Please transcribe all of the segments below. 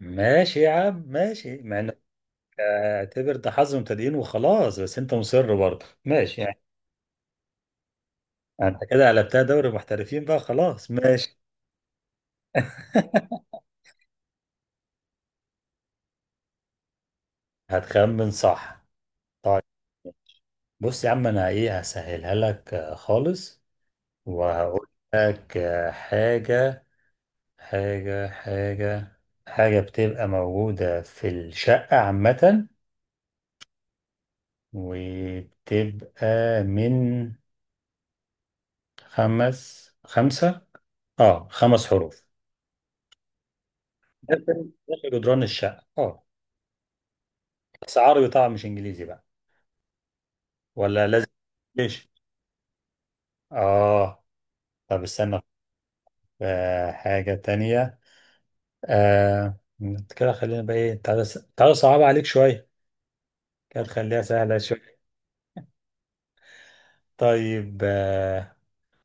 ماشي يا عم، ماشي. مع انك اعتبر ده حظ مبتدئين وخلاص، بس انت مصر برضه، ماشي يعني. انت كده قلبتها دوري محترفين بقى، خلاص ماشي. هتخمن صح؟ طيب بص يا عم، انا ايه، هسهلها لك خالص. وهقول لك حاجة. حاجة حاجة حاجة بتبقى موجودة في الشقة عامة. وبتبقى من خمس خمسة اه خمس حروف. ده فيلم اسمه جدران الشقة، اه. بس عربي طبعا، مش انجليزي بقى، ولا لازم؟ ليش؟ اه. طب استنى. آه، حاجة تانية. آه، كده خلينا بقى ايه، تعالى، تعالى صعبة عليك شوية. كده تخليها سهلة شوية. طيب آه،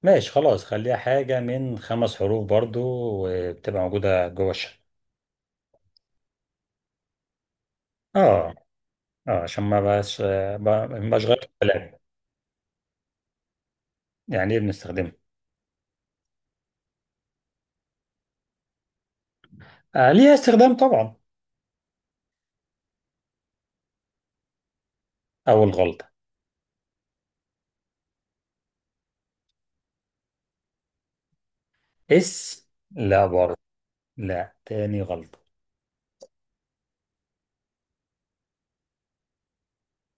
ماشي خلاص. خليها حاجة من خمس حروف برضو، وبتبقى موجودة جوه الشقة. اه اه، عشان ما بقاش ما بقاش غير كلام. يعني ايه بنستخدمها؟ آه، ليها استخدام طبعا. أول غلطة. اس؟ لا برضه. لا، تاني غلطة.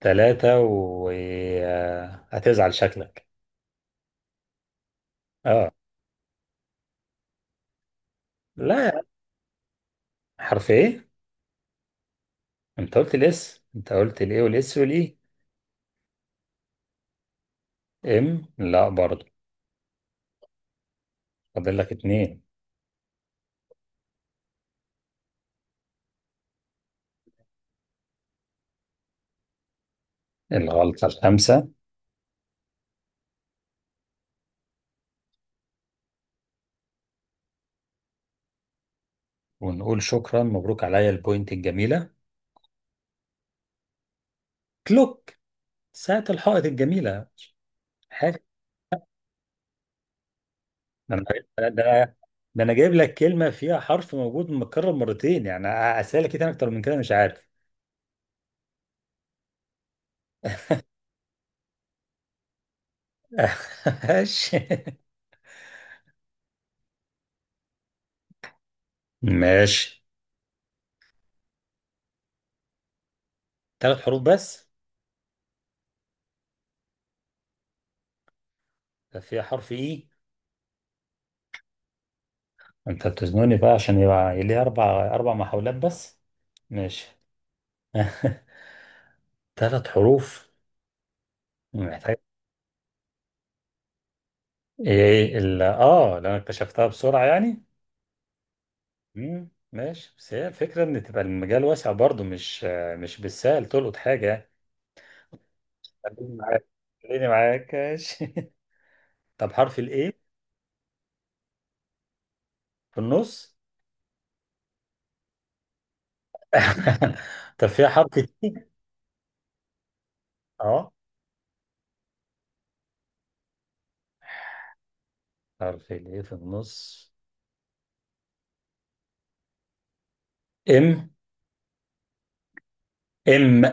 تلاتة وهتزعل شكلك. اه. لا، حرف ايه؟ انت قلت الاس، انت قلت الايه والاس والاي. ام؟ لا برضه. فاضل لك اتنين. الغلطة الخامسة. ونقول شكرا، مبروك عليا البوينت الجميلة. كلوك، ساعة الحائط الجميلة. حاجة، ده انا، ده ده أنا جايب لك كلمة فيها حرف موجود متكرر مرتين، يعني اسألك ايه تاني اكتر من كده؟ مش عارف. ماشي ماشي. ثلاث حروف بس. ده فيها حرف اي. انت بتزنوني بقى، عشان يبقى ليه اربع محاولات بس. ماشي. ثلاث حروف، محتاج ايه ال اه لو انا اكتشفتها بسرعة يعني. مم. ماشي، بس هي الفكرة ان تبقى المجال واسع برضو، مش بالسهل تلقط حاجة يعني. خليني معاك، خليني معاك ماشي. طب حرف الايه في النص. طب فيها حرف تي؟ اه، حرف الايه في النص. ام؟ ام؟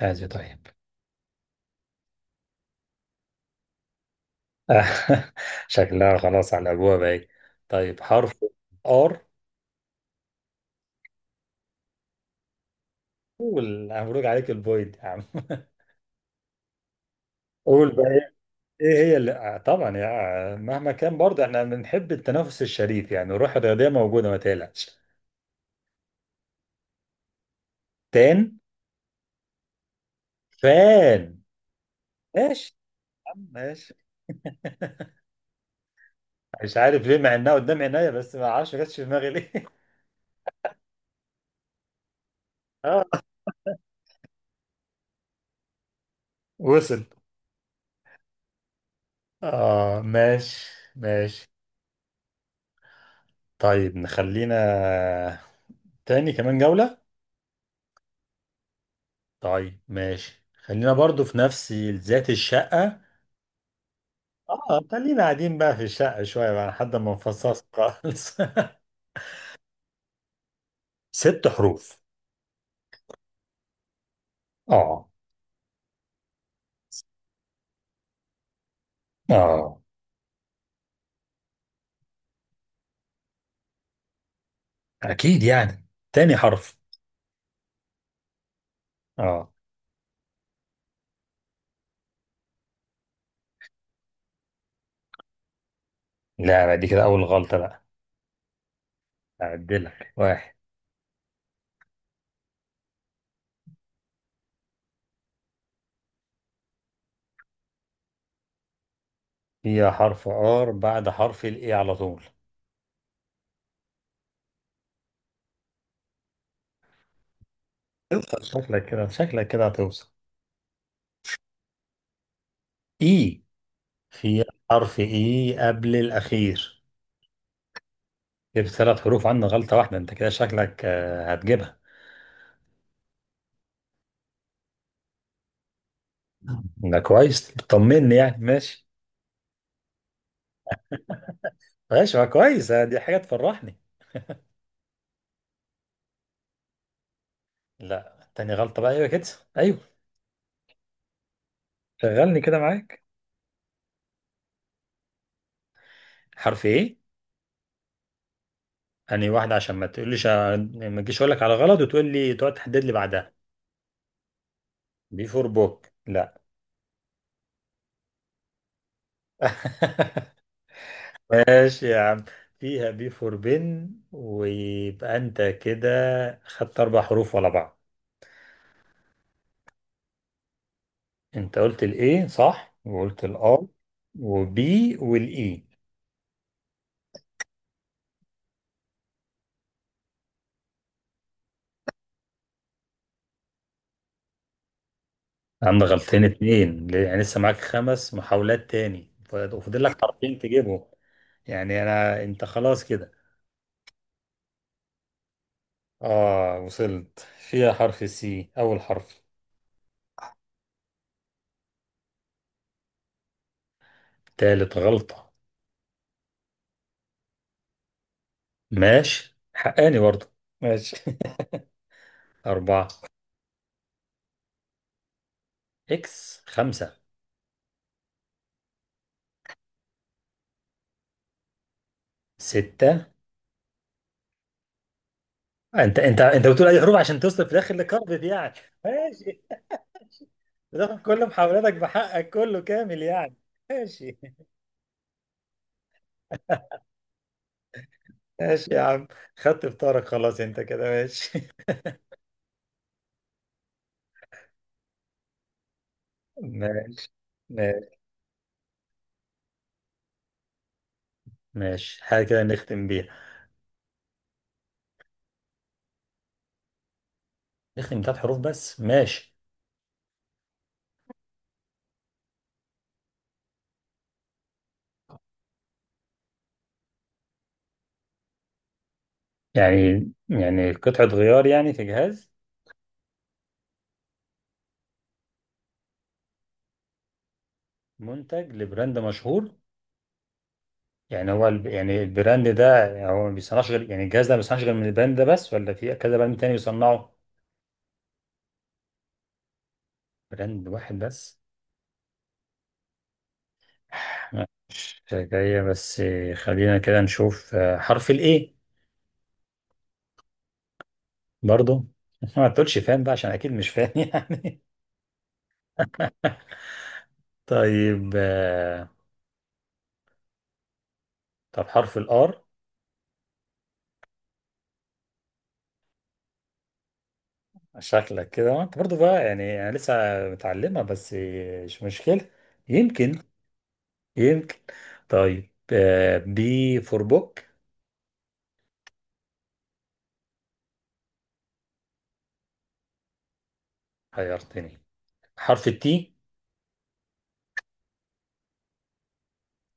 هذه؟ طيب. شكلها خلاص على ابوها ايه. طيب، حرف ار. مبروك عليك البوينت يا عم. قول بقى ايه. إيه هي اللي طبعا يا مهما كان برضه، احنا بنحب التنافس الشريف، يعني الروح الرياضيه موجوده، ما تقلقش. تان. فان. ماشي يا عم، ماشي. مش عارف ليه، مع انها قدام عينيا، بس ما اعرفش ما جاتش في دماغي ليه. اه، وصل. اه، ماشي ماشي. طيب نخلينا تاني كمان جوله. طيب ماشي، خلينا برضو في نفس ذات الشقة. اه، خلينا قاعدين بقى في الشقة شوية، بقى لحد ما نفصص خالص. ست حروف. اه اه، اكيد يعني. تاني حرف. اه. لا بقى، دي كده اول غلطة بقى. اعدلك واحد. هي حرف ار بعد حرف الاي على طول. اوصل، شكلك كده، شكلك كده هتوصل. اي، في حرف اي قبل الاخير. جبت ثلاث حروف عندنا، غلطة واحدة، انت كده شكلك هتجيبها. ده كويس، طمني يعني، ماشي. ماشي، ما كويس دي حاجة تفرحني. لا، تاني غلطة بقى. ايوه كده، ايوه. شغلني كده معاك. حرف ايه؟ اني واحدة، عشان ما تقوليش ما تجيش اقول لك على غلط، وتقول لي تقعد تحدد لي بعدها. بي فور بوك؟ لا. ماشي يا عم. فيها بي فور بن، ويبقى انت كده خدت اربع حروف ورا بعض. انت قلت الايه صح، وقلت الار وبي والاي. عم غلطين اتنين يعني، لسه معاك خمس محاولات تاني وفاضل لك حرفين تجيبهم. يعني انا، انت خلاص كده. اه، وصلت. فيها حرف سي، اول حرف. تالت غلطة. ماشي، حقاني برضه. ماشي. أربعة. إكس، خمسة. ستة. أنت بتقول أي حروف عشان توصل في الآخر لكارفد يعني. ماشي. بتاخد كل محاولاتك بحقك كله كامل يعني. ماشي. ماشي يا عم. خدت فطارك خلاص، أنت كده ماشي. ماشي. ماشي. ماشي، حاجة كده نختم بيها. نختم بثلاث حروف بس، ماشي. يعني قطعة غيار يعني، في جهاز؟ منتج لبراند مشهور؟ يعني هو البراند ده يعني هو ما بيصنعش غير، يعني الجهاز ده ما بيصنعش غير من البراند ده بس، ولا في كذا براند تاني بيصنعه؟ براند واحد بس. مش جاية. بس خلينا كده نشوف حرف الايه. برضو؟ ما تقولش فاهم بقى، عشان اكيد مش فاهم يعني. طيب طب حرف الار. شكلك كده، وانت برضو بقى يعني، انا لسه متعلمة، بس مش مشكلة. يمكن، يمكن. طيب بي فور بوك؟ حيرتني. حرف التي.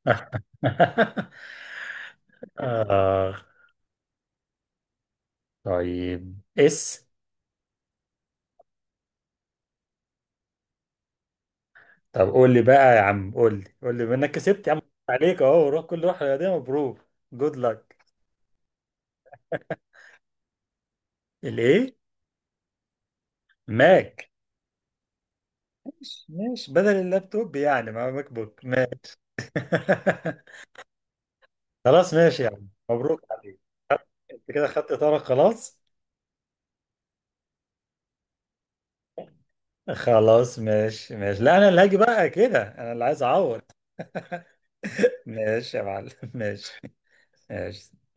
آه. طيب اس. طب قول لي بقى يا عم، قول لي، قول لي منك، كسبت يا عم. عليك اهو، روح كل، روح رياضية، مبروك. جود لك. الايه. ماك. ماشي ماشي، بدل اللابتوب يعني، مع ماك بوك ماشي. خلاص ماشي يا عم، مبروك عليك. انت كده خدت اطارك خلاص. خلاص ماشي ماشي، لا انا اللي هاجي بقى كده، انا اللي عايز اعوض. ماشي يا معلم. ماشي، ماشي.